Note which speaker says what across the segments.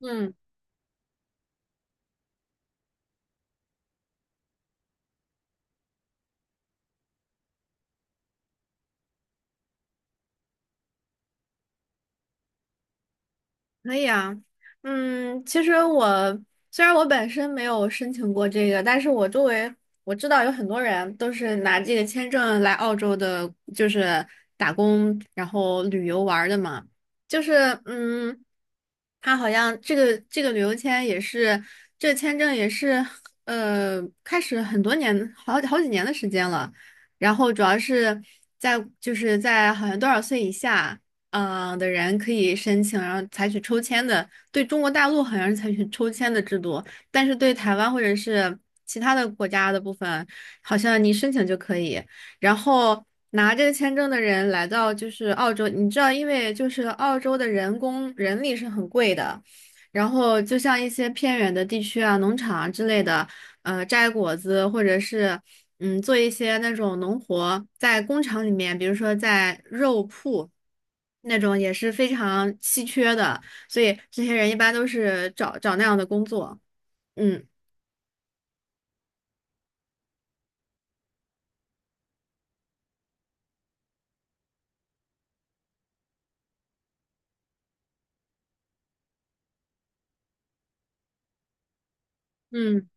Speaker 1: 嗯，可以啊。其实虽然我本身没有申请过这个，但是我周围我知道有很多人都是拿这个签证来澳洲的，就是打工然后旅游玩儿的嘛。就是嗯，他好像这个旅游签也是这个签证也是开始很多年好好几年的时间了，然后主要是在就是在好像多少岁以下的人可以申请，然后采取抽签的。对中国大陆好像是采取抽签的制度，但是对台湾或者是其他的国家的部分，好像你申请就可以。然后拿这个签证的人来到就是澳洲，你知道，因为就是澳洲的人工人力是很贵的，然后就像一些偏远的地区啊、农场啊之类的，摘果子或者是。做一些那种农活，在工厂里面，比如说在肉铺那种也是非常稀缺的，所以这些人一般都是找找那样的工作。嗯嗯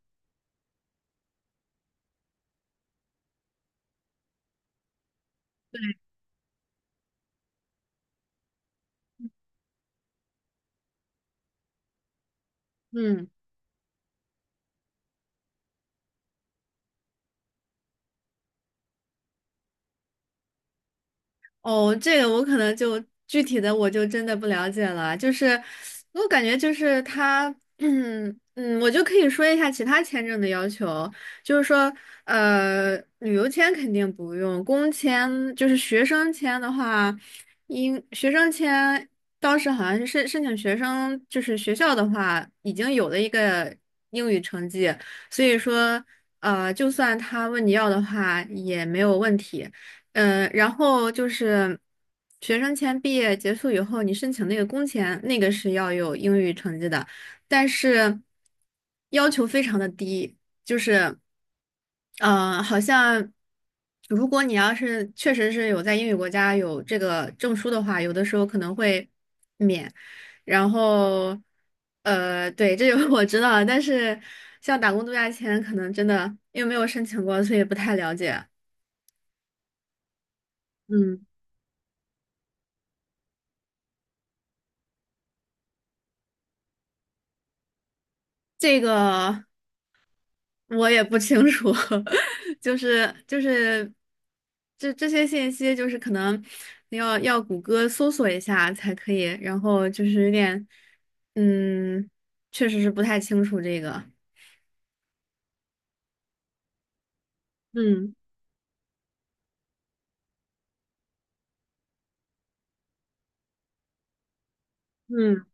Speaker 1: 嗯。哦，这个我可能就具体的我就真的不了解了，就是我感觉就是他，我就可以说一下其他签证的要求，就是说，旅游签肯定不用，工签就是学生签的话，应学生签当时好像是申请学生，就是学校的话已经有了一个英语成绩，所以说，就算他问你要的话也没有问题。然后就是学生签毕业结束以后，你申请那个工签，那个是要有英语成绩的，但是要求非常的低，就是，嗯，好像如果你要是确实是有在英语国家有这个证书的话，有的时候可能会免，然后，对，这个 我知道但是像打工度假签，可能真的因为没有申请过，所以不太了解。嗯。这个我也不清楚，就是这些信息，就是可能要谷歌搜索一下才可以，然后就是有点，嗯，确实是不太清楚这个。嗯嗯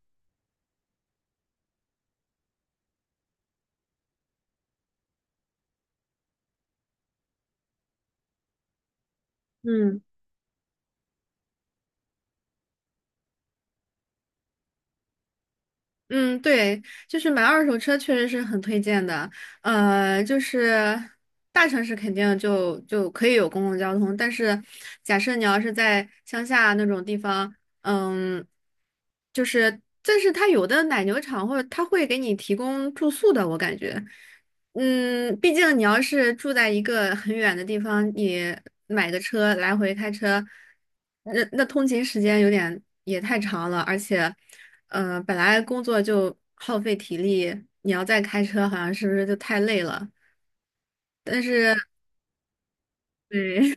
Speaker 1: 嗯。嗯，对，就是买二手车确实是很推荐的。就是大城市肯定就可以有公共交通，但是假设你要是在乡下那种地方，嗯，但是它有的奶牛场或者它会给你提供住宿的，我感觉。毕竟你要是住在一个很远的地方，你买个车来回开车，那通勤时间有点也太长了，而且，本来工作就耗费体力，你要再开车，好像是不是就太累了？但是，对，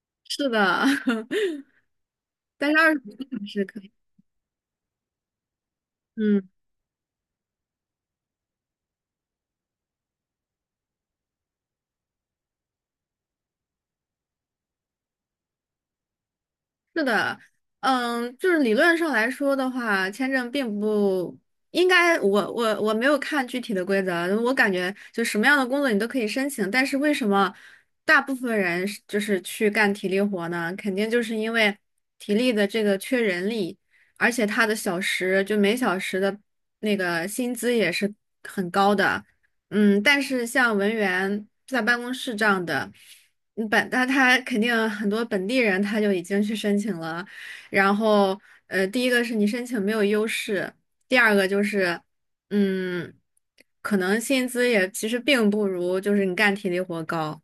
Speaker 1: 是的，但是20个小时可以。嗯。是的，就是理论上来说的话，签证并不应该，我没有看具体的规则啊，我感觉就什么样的工作你都可以申请，但是为什么大部分人就是去干体力活呢？肯定就是因为体力的这个缺人力，而且他的小时就每小时的那个薪资也是很高的，但是像文员在办公室这样的。那他肯定很多本地人他就已经去申请了，然后第一个是你申请没有优势，第二个就是嗯，可能薪资也其实并不如就是你干体力活高。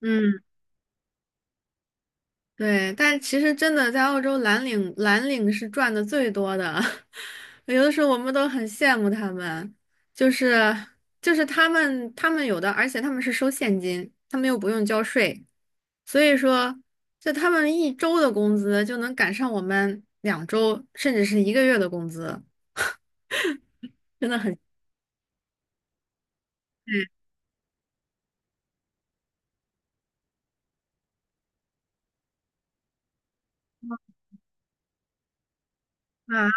Speaker 1: 嗯。对，但其实真的在澳洲蓝领，蓝领是赚的最多的，有的时候我们都很羡慕他们，就是就是他们有的，而且他们是收现金，他们又不用交税，所以说就他们一周的工资就能赶上我们2周甚至是一个月的工资，真的很羡慕啊！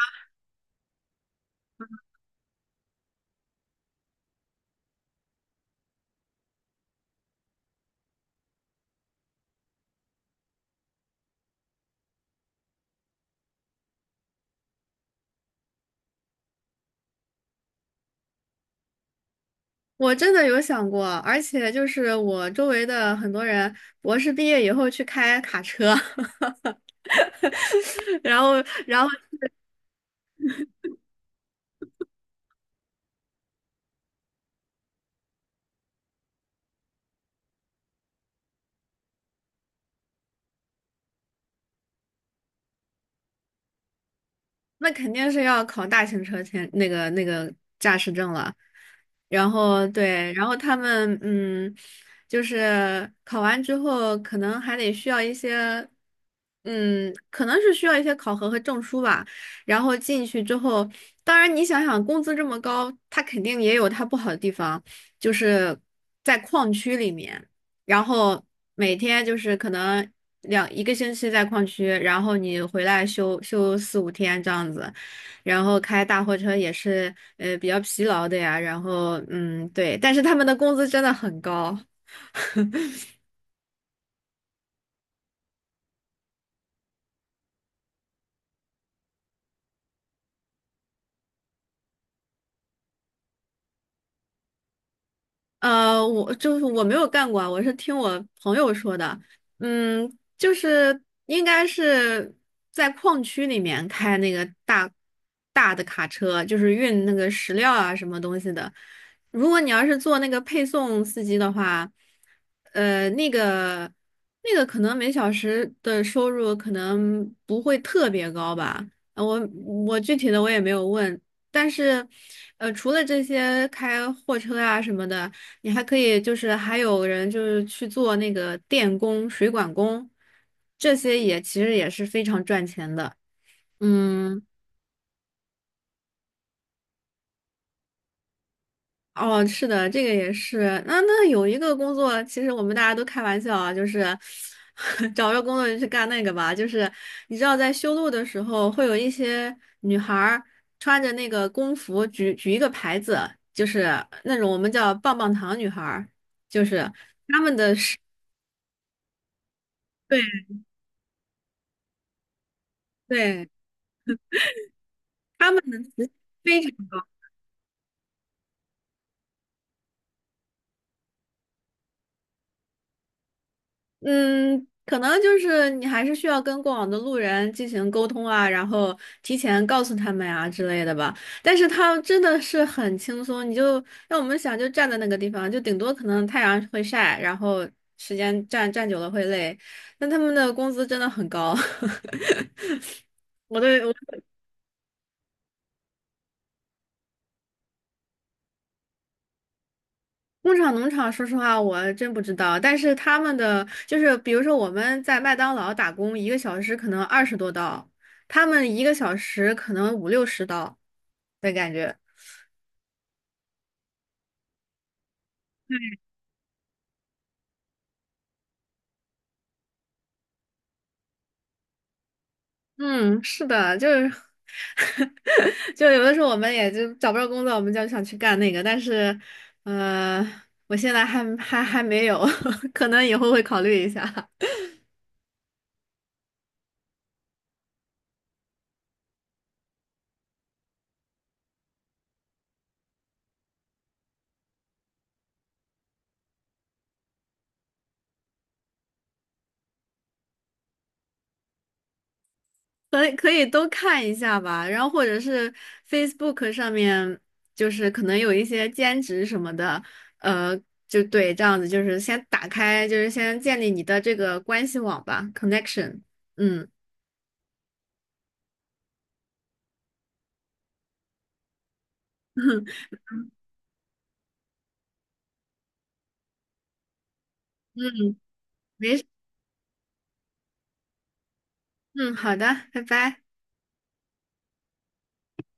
Speaker 1: 我真的有想过，而且就是我周围的很多人博士毕业以后去开卡车。然后，然后那肯定是要考大型车前那个驾驶证了。然后对，然后他们就是考完之后，可能还得需要一些，可能是需要一些考核和证书吧。然后进去之后，当然你想想，工资这么高，它肯定也有它不好的地方，就是在矿区里面。然后每天就是可能一个星期在矿区，然后你回来休四五天这样子，然后开大货车也是比较疲劳的呀，然后对，但是他们的工资真的很高。我就是我没有干过啊，我是听我朋友说的，嗯，就是应该是在矿区里面开那个大大的卡车，就是运那个石料啊什么东西的。如果你要是做那个配送司机的话，呃，那个那个可能每小时的收入可能不会特别高吧，呃我我具体的我也没有问，但是，除了这些开货车啊什么的。你还可以还有人就是去做那个电工、水管工，这些也其实也是非常赚钱的。嗯，哦，是的，这个也是。那有一个工作，其实我们大家都开玩笑啊，就是 找着工作就去干那个吧。就是你知道，在修路的时候，会有一些女孩儿穿着那个工服举举一个牌子，就是那种我们叫棒棒糖女孩儿，就是对对，她们非常。嗯，可能就是你还是需要跟过往的路人进行沟通啊，然后提前告诉他们啊之类的吧。但是他真的是很轻松，你就让我们想就站在那个地方，就顶多可能太阳会晒，然后时间站站久了会累。但他们的工资真的很高，我。工厂、农场，说实话，我真不知道。但是他们的就是，比如说我们在麦当劳打工，一个小时可能20多刀，他们一个小时可能五六十刀的感觉。嗯，是的，就是，就有的时候我们也就找不着工作，我们就想去干那个。但是，呃，我现在还没有，可能以后会考虑一下。可以可以都看一下吧，然后或者是 Facebook 上面，就是可能有一些兼职什么的，呃，就对，这样子就是先打开，就是先建立你的这个关系网吧，connection。嗯嗯，没事，嗯，好的，拜拜。